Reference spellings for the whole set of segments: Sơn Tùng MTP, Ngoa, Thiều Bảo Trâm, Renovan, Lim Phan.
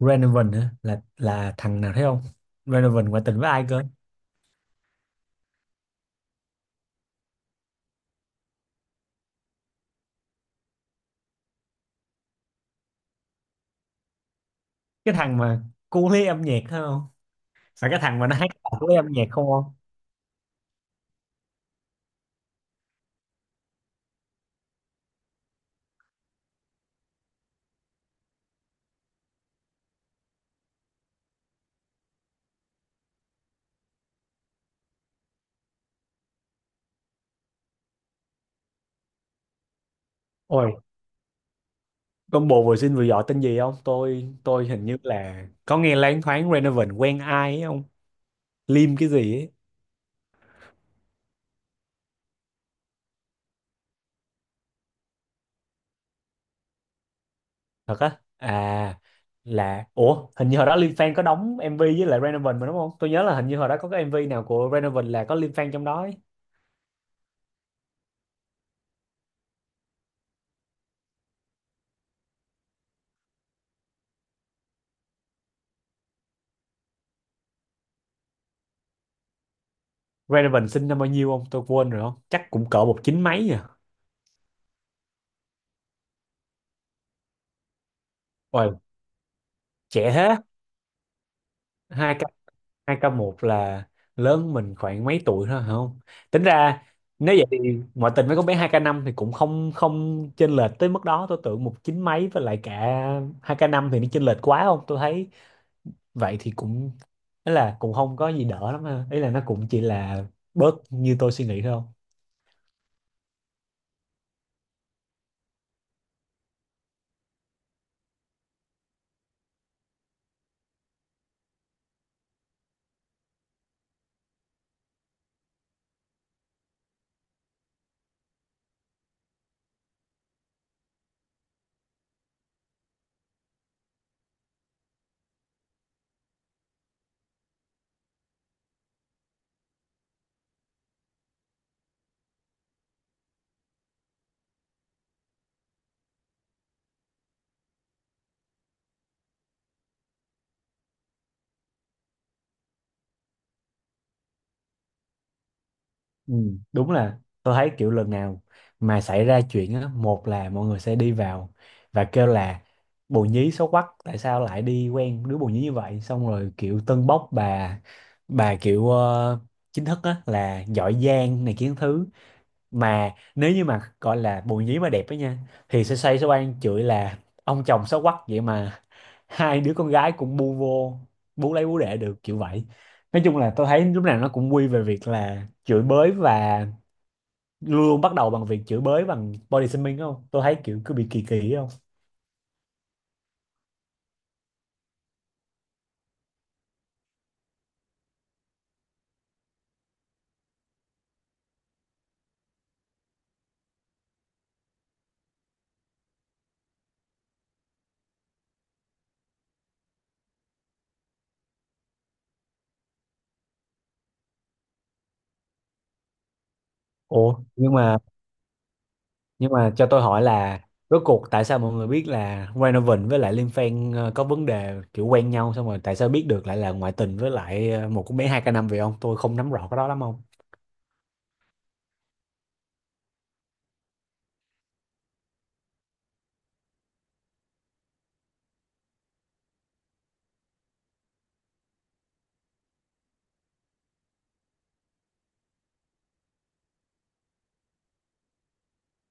Renovan hả? Là thằng nào thấy không? Renovan ngoại tình với ai cơ? Cái thằng mà cu lấy âm nhạc thấy không? Phải cái thằng mà nó hát cùng với âm nhạc không không Ôi, combo vừa xinh vừa giỏi tên gì không? Tôi hình như là có nghe loáng thoáng Renovan quen ai ấy không? Lim cái gì ấy. Thật á? À, là ủa hình như hồi đó Lim Phan có đóng MV với lại Renovan mà đúng không? Tôi nhớ là hình như hồi đó có cái MV nào của Renovan là có Lim Phan trong đó ấy. Renovan sinh năm bao nhiêu không tôi quên rồi, không chắc cũng cỡ một chín mấy à. Ôi, trẻ thế. Hai hai k một là lớn mình khoảng mấy tuổi thôi hả không? Tính ra nếu vậy thì ngoại tình với con bé hai k năm thì cũng không không chênh lệch tới mức đó. Tôi tưởng một chín mấy với lại cả hai k năm thì nó chênh lệch quá không? Tôi thấy vậy thì cũng ấy là cũng không có gì đỡ lắm ha. Ý là nó cũng chỉ là bớt như tôi suy nghĩ thôi. Ừ, đúng là tôi thấy kiểu lần nào mà xảy ra chuyện á, một là mọi người sẽ đi vào và kêu là bồ nhí xấu quắc, tại sao lại đi quen đứa bồ nhí như vậy, xong rồi kiểu tâng bốc Bà kiểu chính thức á là giỏi giang này, kiến thứ. Mà nếu như mà gọi là bồ nhí mà đẹp ấy nha thì sẽ say, sẽ oan chửi là ông chồng xấu quắc vậy mà hai đứa con gái cũng bu vô, bu lấy bú đẻ được kiểu vậy. Nói chung là tôi thấy lúc nào nó cũng quy về việc là chửi bới, và luôn bắt đầu bằng việc chửi bới bằng body shaming không? Tôi thấy kiểu cứ bị kỳ kỳ ấy không? Ủa nhưng mà nhưng mà cho tôi hỏi là rốt cuộc tại sao mọi người biết là Renovan với lại Liêm Phen có vấn đề kiểu quen nhau, xong rồi tại sao biết được lại là ngoại tình với lại một cô bé hai k năm vậy ông? Tôi không nắm rõ cái đó lắm không?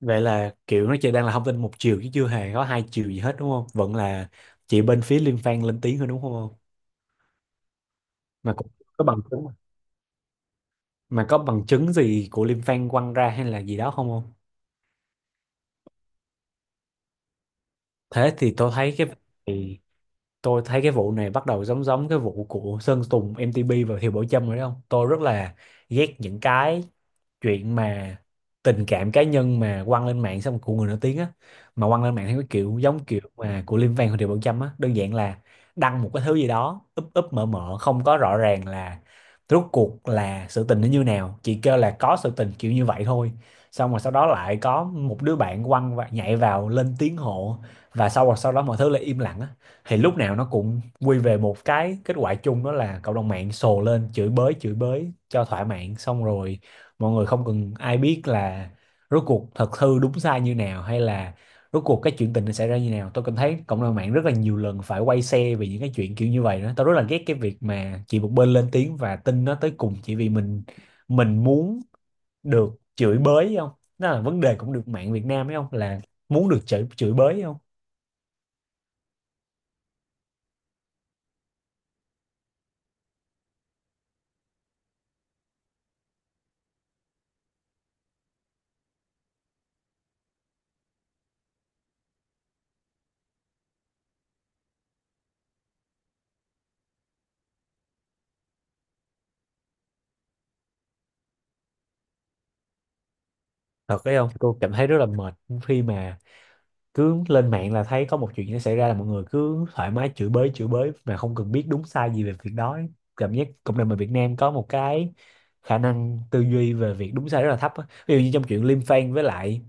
Vậy là kiểu nó chỉ đang là thông tin một chiều chứ chưa hề có hai chiều gì hết đúng không? Vẫn là chị bên phía Liêm Phan lên tiếng hơn đúng không ông? Mà cũng có bằng chứng mà. Mà có bằng chứng gì của Liêm Phan quăng ra hay là gì đó không không? Thế thì tôi thấy cái, tôi thấy cái vụ này bắt đầu giống giống cái vụ của Sơn Tùng MTP và Thiều Bảo Trâm rồi đấy không? Tôi rất là ghét những cái chuyện mà tình cảm cá nhân mà quăng lên mạng xong của người nổi tiếng á, mà quăng lên mạng theo cái kiểu giống kiểu mà của Liêm Phan Hồ Triệu Bảo Trâm á. Đơn giản là đăng một cái thứ gì đó úp úp mở mở không có rõ ràng là rốt cuộc là sự tình nó như nào, chỉ kêu là có sự tình kiểu như vậy thôi, xong rồi sau đó lại có một đứa bạn quăng và nhảy vào lên tiếng hộ, và sau đó mọi thứ lại im lặng á. Thì lúc nào nó cũng quy về một cái kết quả chung, đó là cộng đồng mạng sồ lên chửi bới, chửi bới cho thỏa mãn, xong rồi mọi người không cần ai biết là rốt cuộc thật hư đúng sai như nào, hay là rốt cuộc cái chuyện tình nó xảy ra như nào. Tôi cảm thấy cộng đồng mạng rất là nhiều lần phải quay xe vì những cái chuyện kiểu như vậy đó. Tôi rất là ghét cái việc mà chỉ một bên lên tiếng và tin nó tới cùng chỉ vì mình, muốn được chửi bới hay không, đó là vấn đề cũng được mạng Việt Nam ấy không, là muốn được chửi, chửi bới hay không. Thật đấy không, tôi cảm thấy rất là mệt khi mà cứ lên mạng là thấy có một chuyện nó xảy ra là mọi người cứ thoải mái chửi bới, chửi bới mà không cần biết đúng sai gì về việc đó ấy. Cảm giác cộng đồng người Việt Nam có một cái khả năng tư duy về việc đúng sai rất là thấp á. Ví dụ như trong chuyện Lim Fan với lại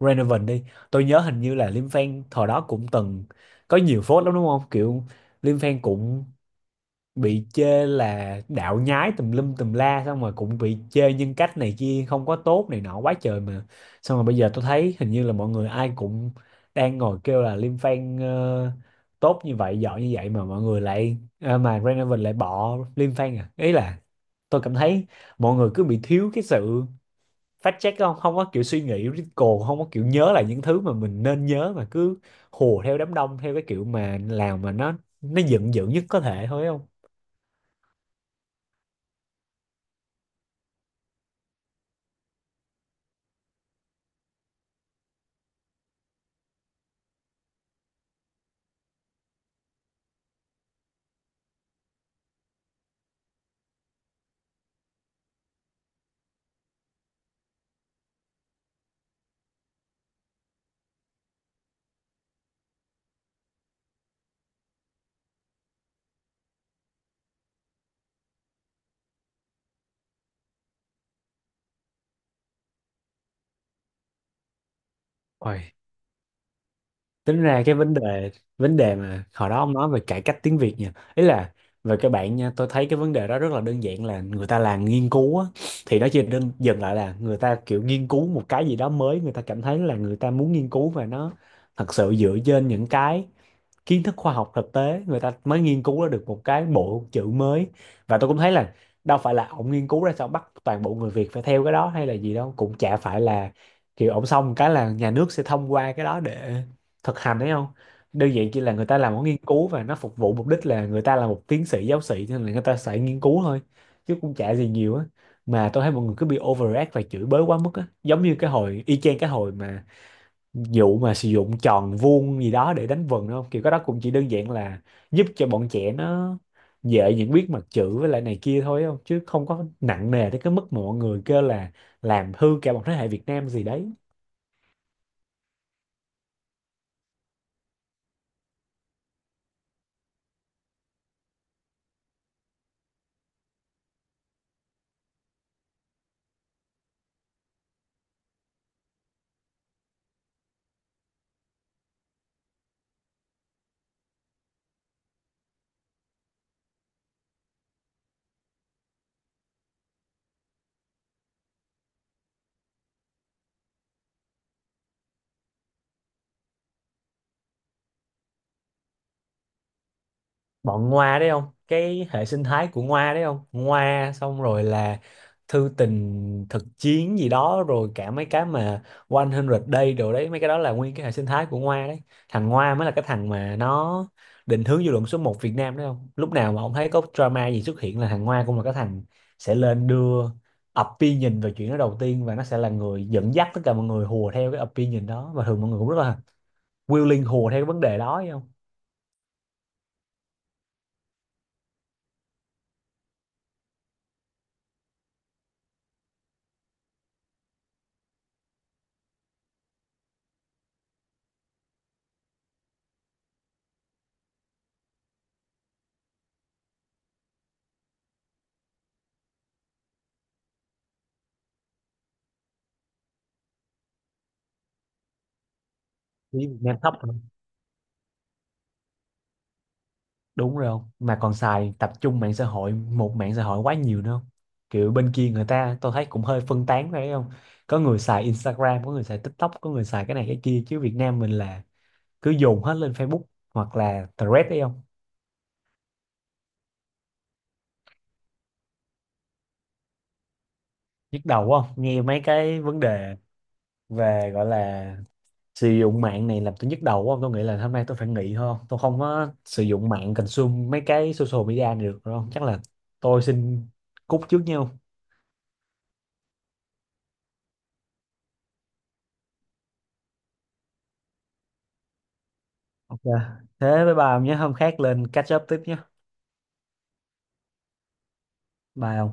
Renovan đi, tôi nhớ hình như là Lim Fan thời đó cũng từng có nhiều phốt lắm đúng không? Kiểu Lim Fan cũng bị chê là đạo nhái tùm lum tùm la, xong rồi cũng bị chê nhân cách này kia không có tốt này nọ quá trời mà. Xong rồi bây giờ tôi thấy hình như là mọi người ai cũng đang ngồi kêu là Lim Fan tốt như vậy, giỏi như vậy mà mọi người lại mà Renovation lại bỏ Lim Fan à. Ý là tôi cảm thấy mọi người cứ bị thiếu cái sự fact check không, không có kiểu suy nghĩ critical, không có kiểu nhớ lại những thứ mà mình nên nhớ, mà cứ hùa theo đám đông theo cái kiểu mà làm mà nó dựng dựng nhất có thể thôi không? Ôi, tính ra cái vấn đề mà hồi đó ông nói về cải cách tiếng Việt nha, ý là về các bạn nha, tôi thấy cái vấn đề đó rất là đơn giản là người ta làm nghiên cứu á, thì nó chỉ đơn dừng lại là người ta kiểu nghiên cứu một cái gì đó mới, người ta cảm thấy là người ta muốn nghiên cứu, và nó thật sự dựa trên những cái kiến thức khoa học thực tế người ta mới nghiên cứu ra được một cái bộ chữ mới. Và tôi cũng thấy là đâu phải là ông nghiên cứu ra sao bắt toàn bộ người Việt phải theo cái đó hay là gì đâu, cũng chả phải là kiểu ông xong cái là nhà nước sẽ thông qua cái đó để thực hành đấy không? Đơn giản chỉ là người ta làm một nghiên cứu và nó phục vụ mục đích là người ta là một tiến sĩ giáo sĩ, cho nên là người ta sẽ nghiên cứu thôi, chứ cũng chả gì nhiều á. Mà tôi thấy mọi người cứ bị overreact và chửi bới quá mức á, giống như cái hồi y chang cái hồi mà vụ mà sử dụng tròn vuông gì đó để đánh vần đúng không? Kiểu cái đó cũng chỉ đơn giản là giúp cho bọn trẻ nó dễ nhận biết mặt chữ với lại này kia thôi không, chứ không có nặng nề tới cái mức mà mọi người kêu là làm hư cả một thế hệ Việt Nam gì đấy. Bọn Ngoa đấy không, cái hệ sinh thái của Ngoa đấy không, Ngoa xong rồi là thư tình thực chiến gì đó, rồi cả mấy cái mà 100 Day đồ đấy, mấy cái đó là nguyên cái hệ sinh thái của Ngoa đấy. Thằng Ngoa mới là cái thằng mà nó định hướng dư luận số một Việt Nam đấy không? Lúc nào mà ông thấy có drama gì xuất hiện là thằng Ngoa cũng là cái thằng sẽ lên đưa opinion về chuyện đó đầu tiên, và nó sẽ là người dẫn dắt tất cả mọi người hùa theo cái opinion đó, và thường mọi người cũng rất là willing hùa theo cái vấn đề đó thấy không? Đi Việt Nam thấp. Đúng rồi không, mà còn xài tập trung mạng xã hội, một mạng xã hội quá nhiều nữa không. Kiểu bên kia người ta tôi thấy cũng hơi phân tán phải không, có người xài Instagram, có người xài TikTok, có người xài cái này cái kia, chứ Việt Nam mình là cứ dồn hết lên Facebook hoặc là Threads đấy không. Nhức đầu quá không, nghe mấy cái vấn đề về gọi là sử dụng mạng này làm tôi nhức đầu quá không? Tôi nghĩ là hôm nay tôi phải nghỉ thôi không? Tôi không có sử dụng mạng, consume mấy cái social media này được rồi không? Chắc là tôi xin cúp trước nha. Ok. Thế với bà nhé, hôm khác lên catch up tiếp nhé. Bye ông.